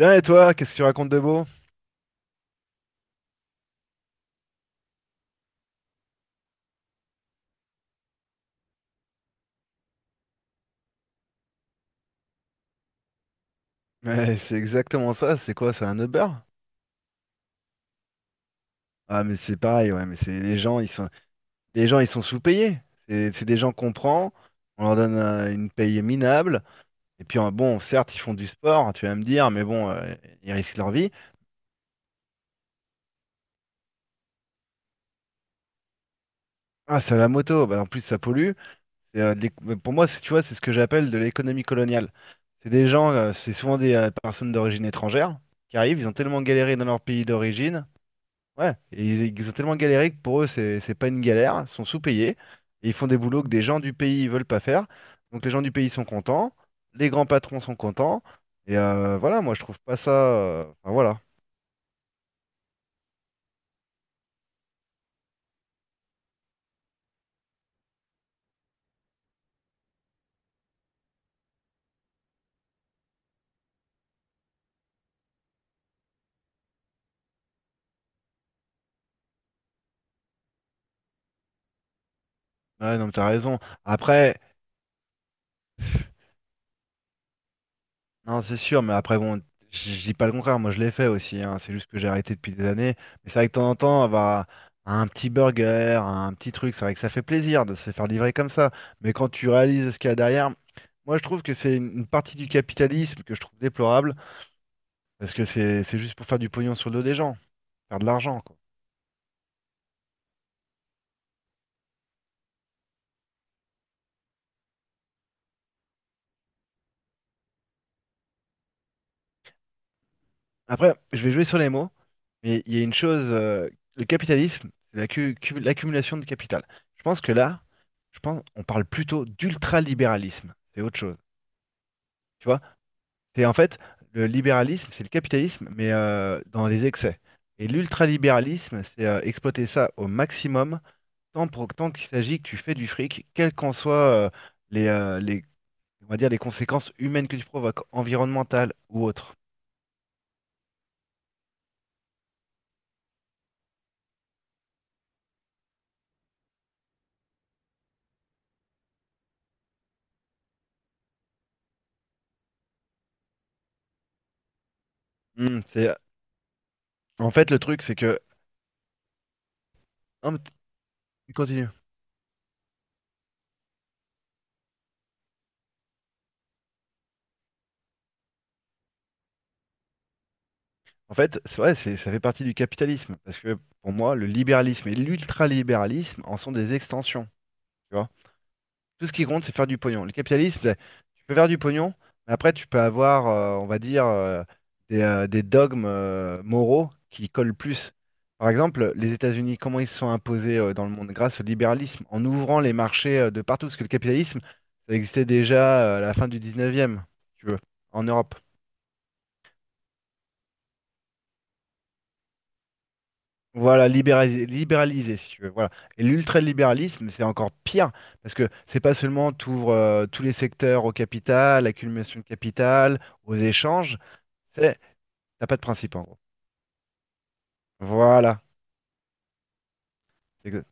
Bien et toi, qu'est-ce que tu racontes de beau? Ouais, c'est exactement ça, c'est quoi, c'est un Uber? Ah mais c'est pareil, ouais, mais c'est les gens ils sont sous-payés. C'est des gens qu'on prend, on leur donne une paye minable, et puis bon, certes, ils font du sport, tu vas me dire, mais bon, ils risquent leur vie. Ah, c'est à la moto, bah, en plus ça pollue. C'est, de l'éc- pour moi, c'est- tu vois, c'est ce que j'appelle de l'économie coloniale. C'est des gens, c'est souvent des personnes d'origine étrangère qui arrivent, ils ont tellement galéré dans leur pays d'origine. Ouais, et ils ont tellement galéré que pour eux, c'est pas une galère, ils sont sous-payés, et ils font des boulots que des gens du pays veulent pas faire. Donc les gens du pays sont contents, les grands patrons sont contents, et voilà, moi je trouve pas ça. Enfin voilà. Ouais, non, mais t'as raison. Après. Non, c'est sûr, mais après, bon, je dis pas le contraire, moi je l'ai fait aussi, hein, c'est juste que j'ai arrêté depuis des années. Mais c'est vrai que de temps en temps, avoir un petit burger, un petit truc, c'est vrai que ça fait plaisir de se faire livrer comme ça. Mais quand tu réalises ce qu'il y a derrière, moi je trouve que c'est une partie du capitalisme que je trouve déplorable, parce que c'est juste pour faire du pognon sur le dos des gens, faire de l'argent, quoi. Après, je vais jouer sur les mots, mais il y a une chose, le capitalisme, c'est l'accumulation de capital. Je pense que là, je pense on parle plutôt d'ultralibéralisme, c'est autre chose. Tu vois? C'est en fait le libéralisme, c'est le capitalisme, mais dans les excès. Et l'ultralibéralisme, c'est exploiter ça au maximum, tant qu'il s'agit que tu fais du fric, quelles qu'en soient euh, les, on va dire, les conséquences humaines que tu provoques, environnementales ou autres. Hmm, c'est, en fait, le truc, c'est que. Non, mais tu continues. En fait, c'est vrai, ça fait partie du capitalisme, parce que pour moi, le libéralisme et l'ultralibéralisme en sont des extensions. Tu vois. Tout ce qui compte, c'est faire du pognon. Le capitalisme, tu peux faire du pognon, mais après, tu peux avoir, on va dire, des dogmes moraux qui collent plus. Par exemple, les États-Unis, comment ils se sont imposés dans le monde grâce au libéralisme, en ouvrant les marchés de partout, parce que le capitalisme, ça existait déjà à la fin du 19e, si tu veux, en Europe. Voilà, libéraliser, libéraliser, si tu veux. Voilà. Et l'ultralibéralisme, c'est encore pire, parce que c'est pas seulement t'ouvres tous les secteurs au capital, l'accumulation de capital, aux échanges, c'est t'as pas de principe en gros. Voilà. C'est que-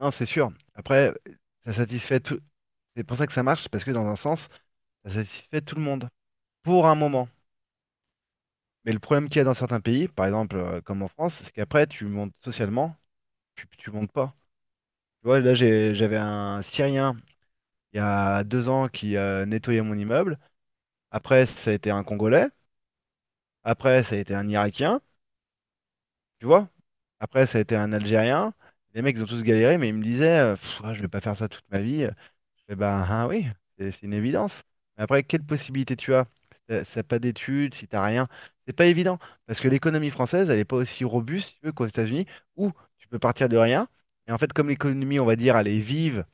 Non, c'est sûr. Après, ça satisfait tout. C'est pour ça que ça marche, c'est parce que dans un sens, ça satisfait tout le monde. Pour un moment. Mais le problème qu'il y a dans certains pays, par exemple comme en France, c'est qu'après, tu montes socialement, tu montes pas. Tu vois, là j'avais un Syrien il y a 2 ans qui nettoyait mon immeuble. Après, ça a été un Congolais. Après, ça a été un Irakien, tu vois. Après, ça a été un Algérien. Les mecs, ils ont tous galéré, mais ils me disaient, ah, je vais pas faire ça toute ma vie. Eh ben, ah oui, c'est une évidence. Mais après, quelle possibilité tu as? Si t'as pas d'études, si t'as rien, c'est pas évident. Parce que l'économie française, elle est pas aussi robuste, si tu veux, qu'aux États-Unis, où tu peux partir de rien. Et en fait, comme l'économie, on va dire, elle est vive,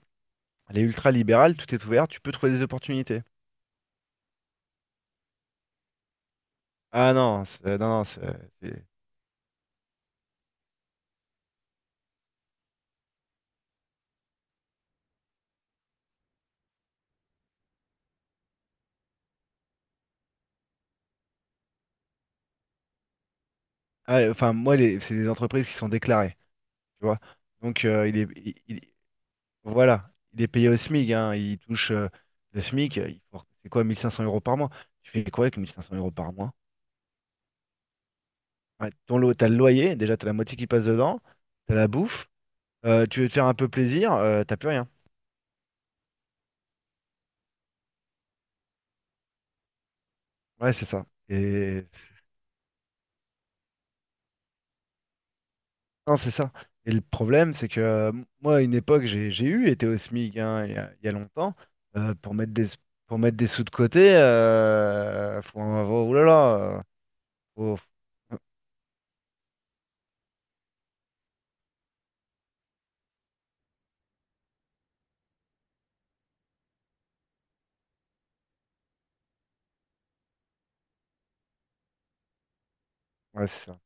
elle est ultra libérale, tout est ouvert, tu peux trouver des opportunités. Ah non, non, non, c'est- ah, enfin, moi, c'est des entreprises qui sont déclarées, tu vois. Donc, il est, voilà, il est payé au SMIC, hein, il touche le SMIC, c'est quoi, 1500 euros par mois? Tu fais quoi avec 1500 euros par mois? Ouais, ton lot, t'as le loyer, déjà, t'as la moitié qui passe dedans, t'as la bouffe, tu veux te faire un peu plaisir, t'as plus rien. Ouais, c'est ça. Non, c'est ça. Et le problème, c'est que moi, à une époque, j'ai eu été au SMIC hein, il y a longtemps. euh, pour mettre des, pour mettre des sous de côté, faut en avoir. Ouh là là, faut- ouais, c'est ça.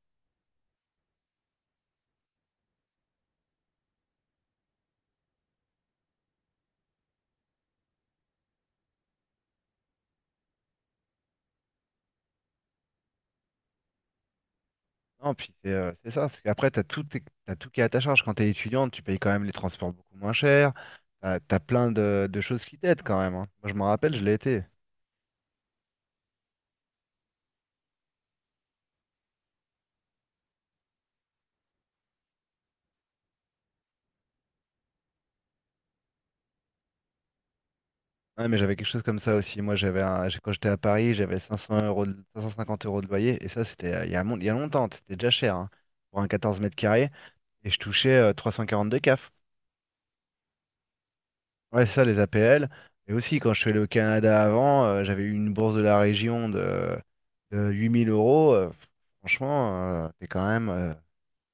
Non, puis c'est ça. Parce qu'après, t'as tout, t'as tout qui est à ta charge. Quand t'es étudiante, tu payes quand même les transports beaucoup moins cher. T'as plein de choses qui t'aident quand même, hein. Moi, je m'en rappelle, je l'ai été. Ouais, mais j'avais quelque chose comme ça aussi. Moi, quand j'étais à Paris, j'avais 500 euros 550 euros de loyer. Et ça, c'était il y a longtemps. C'était déjà cher hein, pour un 14 mètres carrés. Et je touchais 342 CAF. Ouais, c'est ça, les APL. Et aussi, quand je suis allé au Canada avant, j'avais eu une bourse de la région de 8 000 euros. Franchement, c'est quand même. euh,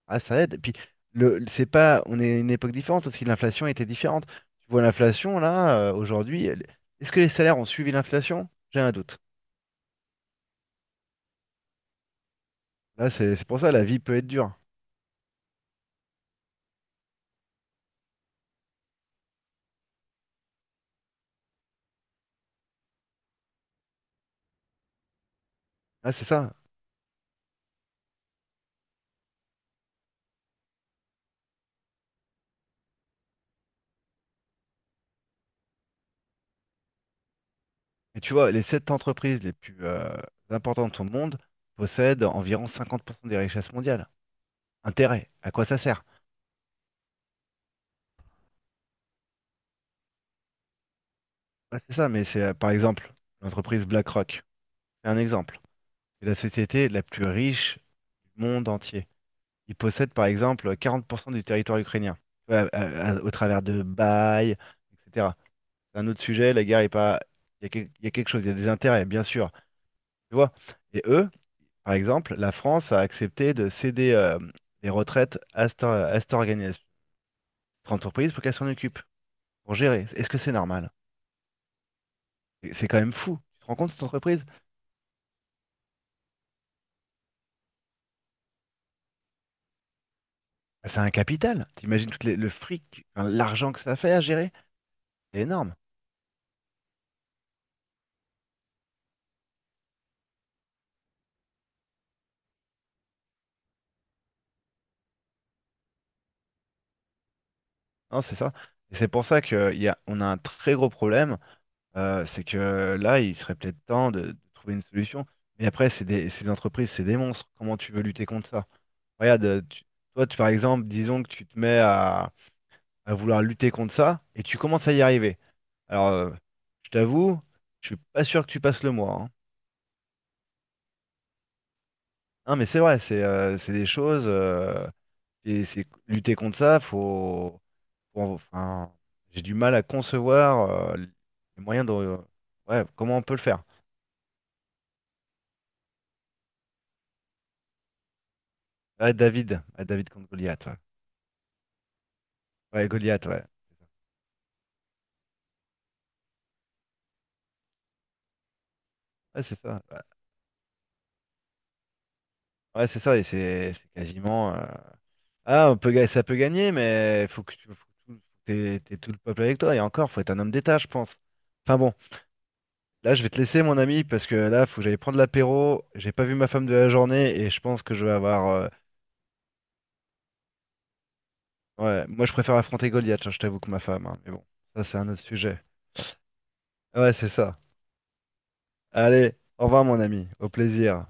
ah, ça aide. Et puis, c'est pas, on est à une époque différente aussi. L'inflation était différente. Tu vois, l'inflation, là, aujourd'hui, est-ce que les salaires ont suivi l'inflation? J'ai un doute. Là, c'est pour ça, la vie peut être dure. Là, c'est ça. Et tu vois, les sept entreprises les plus importantes au monde possèdent environ 50% des richesses mondiales. Intérêt, à quoi ça sert? Bah, c'est ça, mais c'est par exemple l'entreprise BlackRock. C'est un exemple. C'est la société la plus riche du monde entier. Ils possèdent par exemple 40% du territoire ukrainien. Tu vois, au travers de bails, etc. C'est un autre sujet, la guerre est pas. Il y a quelque chose, il y a des intérêts, bien sûr. Tu vois? Et eux. Par exemple, la France a accepté de céder les retraites à cette cette entreprise pour qu'elle s'en occupe, pour gérer. Est-ce que c'est normal? C'est quand même fou. Tu te rends compte, cette entreprise? Ah, c'est un capital. T'imagines tout le fric, enfin, l'argent que ça fait à gérer? C'est énorme. Non, c'est ça. Et c'est pour ça que on a un très gros problème. C'est que là, il serait peut-être temps de trouver une solution. Mais après, ces entreprises, c'est des monstres. Comment tu veux lutter contre ça? Regarde, toi, tu, par exemple, disons que tu te mets à vouloir lutter contre ça, et tu commences à y arriver. Alors, je t'avoue, je suis pas sûr que tu passes le mois, hein. Non, mais c'est vrai, c'est des choses. Et c'est lutter contre ça, enfin, j'ai du mal à concevoir les moyens de. Ouais, comment on peut le faire? Ouais, David contre Goliath. Ouais, ouais, Goliath, ouais. Ouais, c'est ça. Ouais, ouais, c'est ça, et c'est quasiment. Ah, on peut, ça peut gagner, mais faut que t'aies tout le peuple avec toi. Et encore, faut être un homme d'État, je pense. Enfin bon, là, je vais te laisser, mon ami, parce que là, faut que j'aille prendre l'apéro. J'ai pas vu ma femme de la journée et je pense que je vais avoir. Ouais, moi, je préfère affronter Goliath, hein, je t'avoue que ma femme, hein, mais bon, ça, c'est un autre sujet. Ouais, c'est ça. Allez, au revoir, mon ami. Au plaisir.